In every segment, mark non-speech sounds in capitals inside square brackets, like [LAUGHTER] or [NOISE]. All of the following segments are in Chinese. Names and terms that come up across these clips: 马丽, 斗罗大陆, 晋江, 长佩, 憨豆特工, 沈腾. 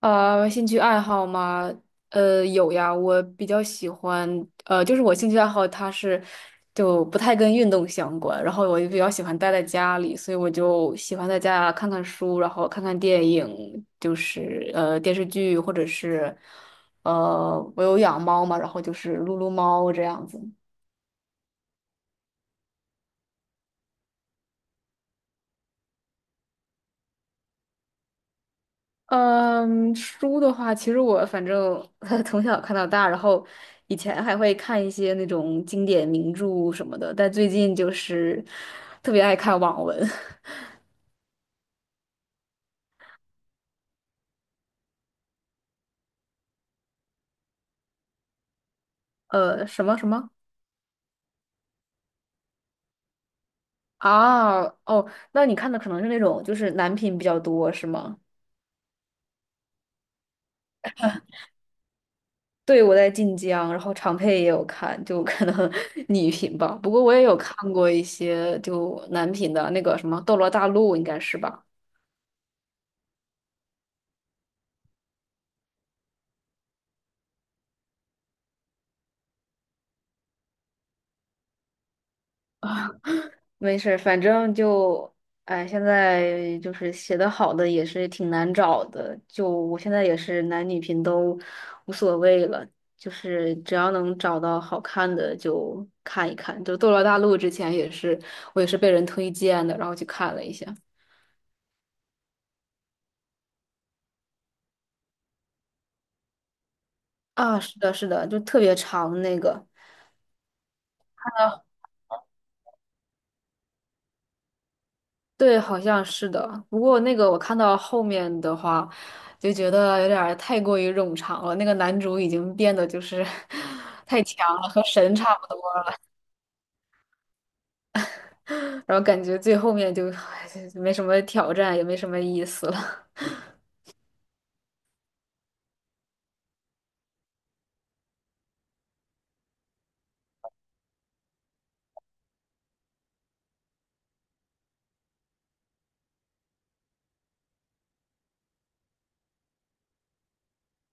兴趣爱好吗？有呀，我比较喜欢，就是我兴趣爱好它是就不太跟运动相关，然后我就比较喜欢待在家里，所以我就喜欢在家看看书，然后看看电影，就是电视剧或者是我有养猫嘛，然后就是撸撸猫这样子。嗯，书的话，其实我反正 [LAUGHS] 从小看到大，然后以前还会看一些那种经典名著什么的，但最近就是特别爱看网文。[LAUGHS] 什么啊？哦，那你看的可能是那种就是男频比较多，是吗？对，我在晋江，然后长佩也有看，就可能 [LAUGHS] 女频吧。不过我也有看过一些就男频的那个什么《斗罗大陆》，应该是吧？[LAUGHS] 没事儿，反正就，哎，现在就是写的好的也是挺难找的，就我现在也是男女频都无所谓了，就是只要能找到好看的就看一看。就《斗罗大陆》之前也是我也是被人推荐的，然后去看了一下。啊，是的，是的，就特别长那个，对，好像是的。不过那个我看到后面的话，就觉得有点儿太过于冗长了。那个男主已经变得就是 [LAUGHS] 太强了，和神差不多，然后感觉最后面就 [LAUGHS] [SIGHS] 没什么挑战，也没什么意思了。[LAUGHS]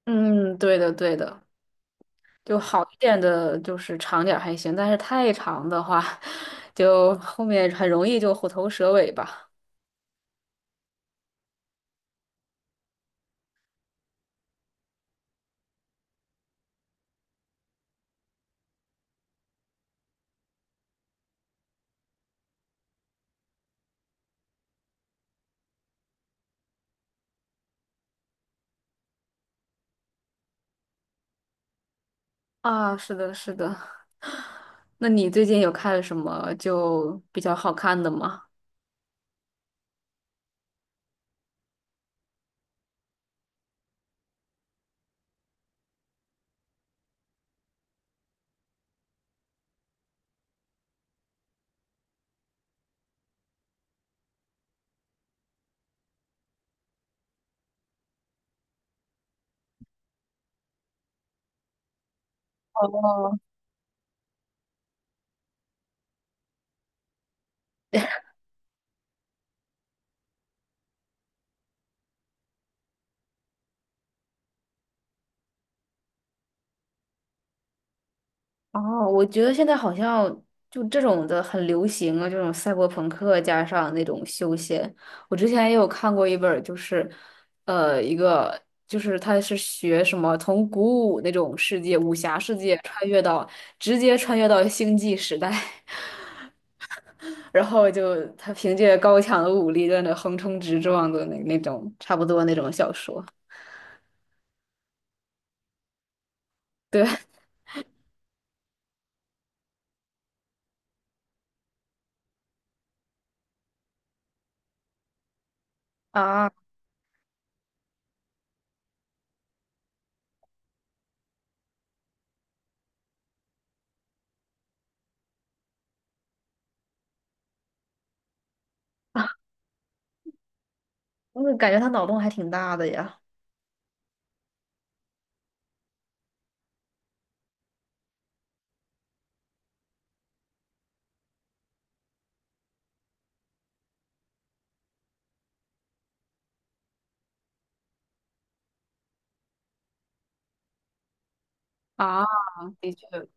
嗯，对的，对的。就好一点的，就是长点儿还行，但是太长的话，[LAUGHS] 就后面很容易就虎头蛇尾吧。啊，是的，是的。那你最近有看什么就比较好看的吗？哦，我觉得现在好像就这种的很流行啊，这种赛博朋克加上那种休闲。我之前也有看过一本儿，就是，一个就是他是学什么从古武那种世界、武侠世界穿越到直接穿越到星际时代，[LAUGHS] 然后就他凭借高强的武力在那横冲直撞的那种差不多那种小说。对啊，[LAUGHS] 我感觉他脑洞还挺大的呀。啊，的确。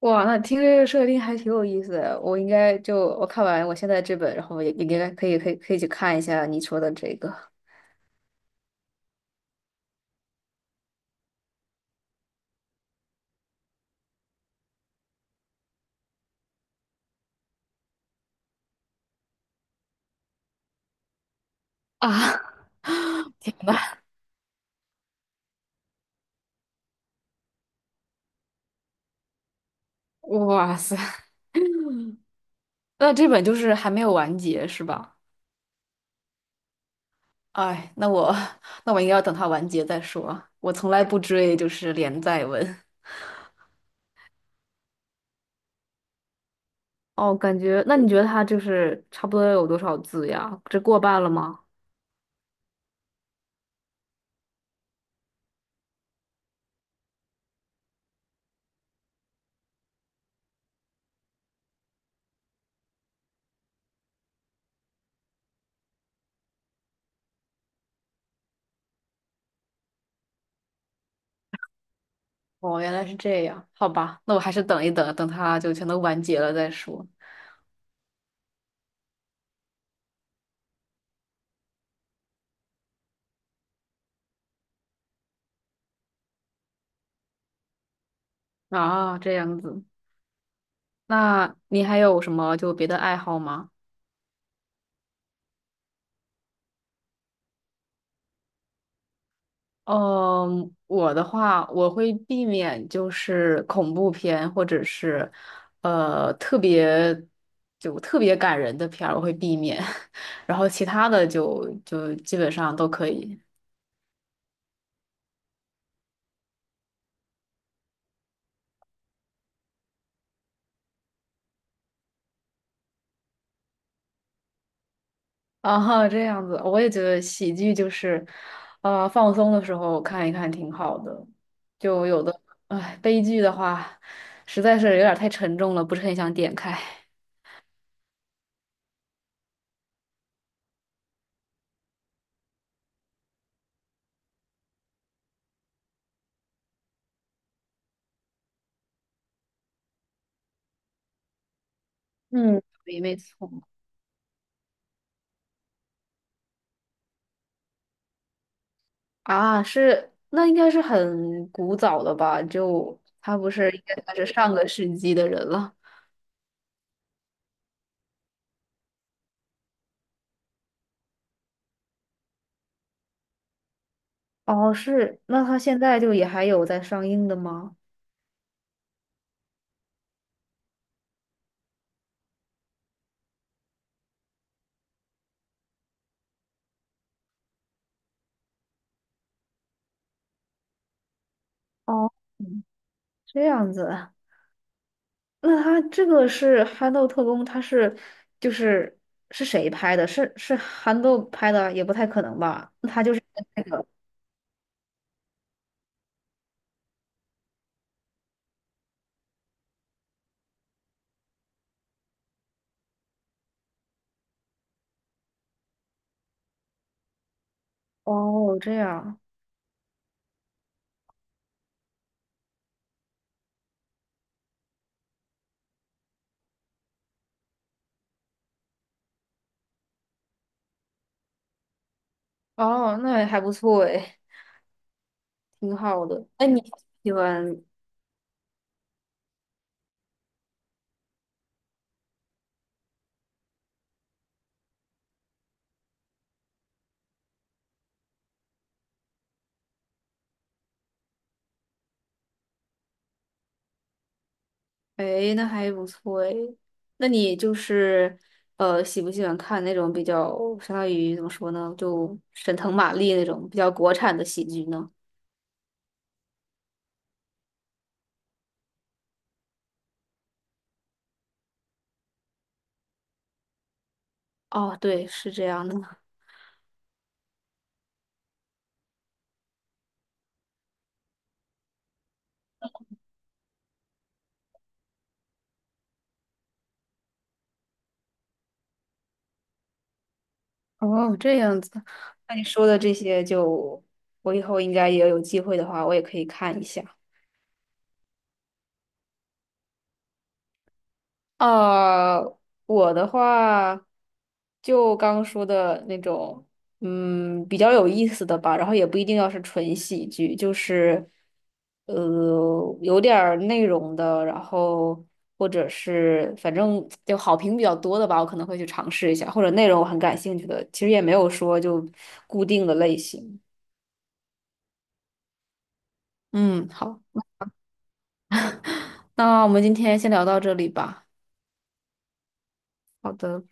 哇，那听这个设定还挺有意思的。我应该就我看完我现在这本，然后也也应该可以去看一下你说的这个。[LAUGHS] 啊，天呐，哇塞，那这本就是还没有完结是吧？哎，那我应该要等它完结再说。我从来不追就是连载文。哦，感觉那你觉得它就是差不多有多少字呀？这过半了吗？哦，原来是这样，好吧，那我还是等一等，等它就全都完结了再说。啊，这样子。那你还有什么就别的爱好吗？嗯，我的话，我会避免就是恐怖片或者是特别就特别感人的片儿，我会避免，[LAUGHS] 然后其他的就基本上都可以。[LAUGHS] 啊，这样子，我也觉得喜剧就是，放松的时候看一看挺好的。就有的，哎，悲剧的话，实在是有点儿太沉重了，不是很想点开。嗯，对，没错。啊，是，那应该是很古早的吧？就他不是应该算是上个世纪的人了。哦，是，那他现在就也还有在上映的吗？哦，嗯，这样子，那他这个是憨豆特工，他是就是是谁拍的？是憨豆拍的，也不太可能吧？那他就是跟那个哦，这样哦，那还不错诶，挺好的。那你喜欢？哎，那还不错哎。那你就是喜不喜欢看那种比较相当于怎么说呢，就沈腾、马丽那种比较国产的喜剧呢？哦，对，是这样的。[LAUGHS] 哦，这样子。那你说的这些就，我以后应该也有机会的话，我也可以看一下。啊，我的话就刚说的那种，嗯，比较有意思的吧，然后也不一定要是纯喜剧，就是有点儿内容的，然后或者是反正就好评比较多的吧，我可能会去尝试一下，或者内容我很感兴趣的，其实也没有说就固定的类型。嗯，好，那我们今天先聊到这里吧。好的。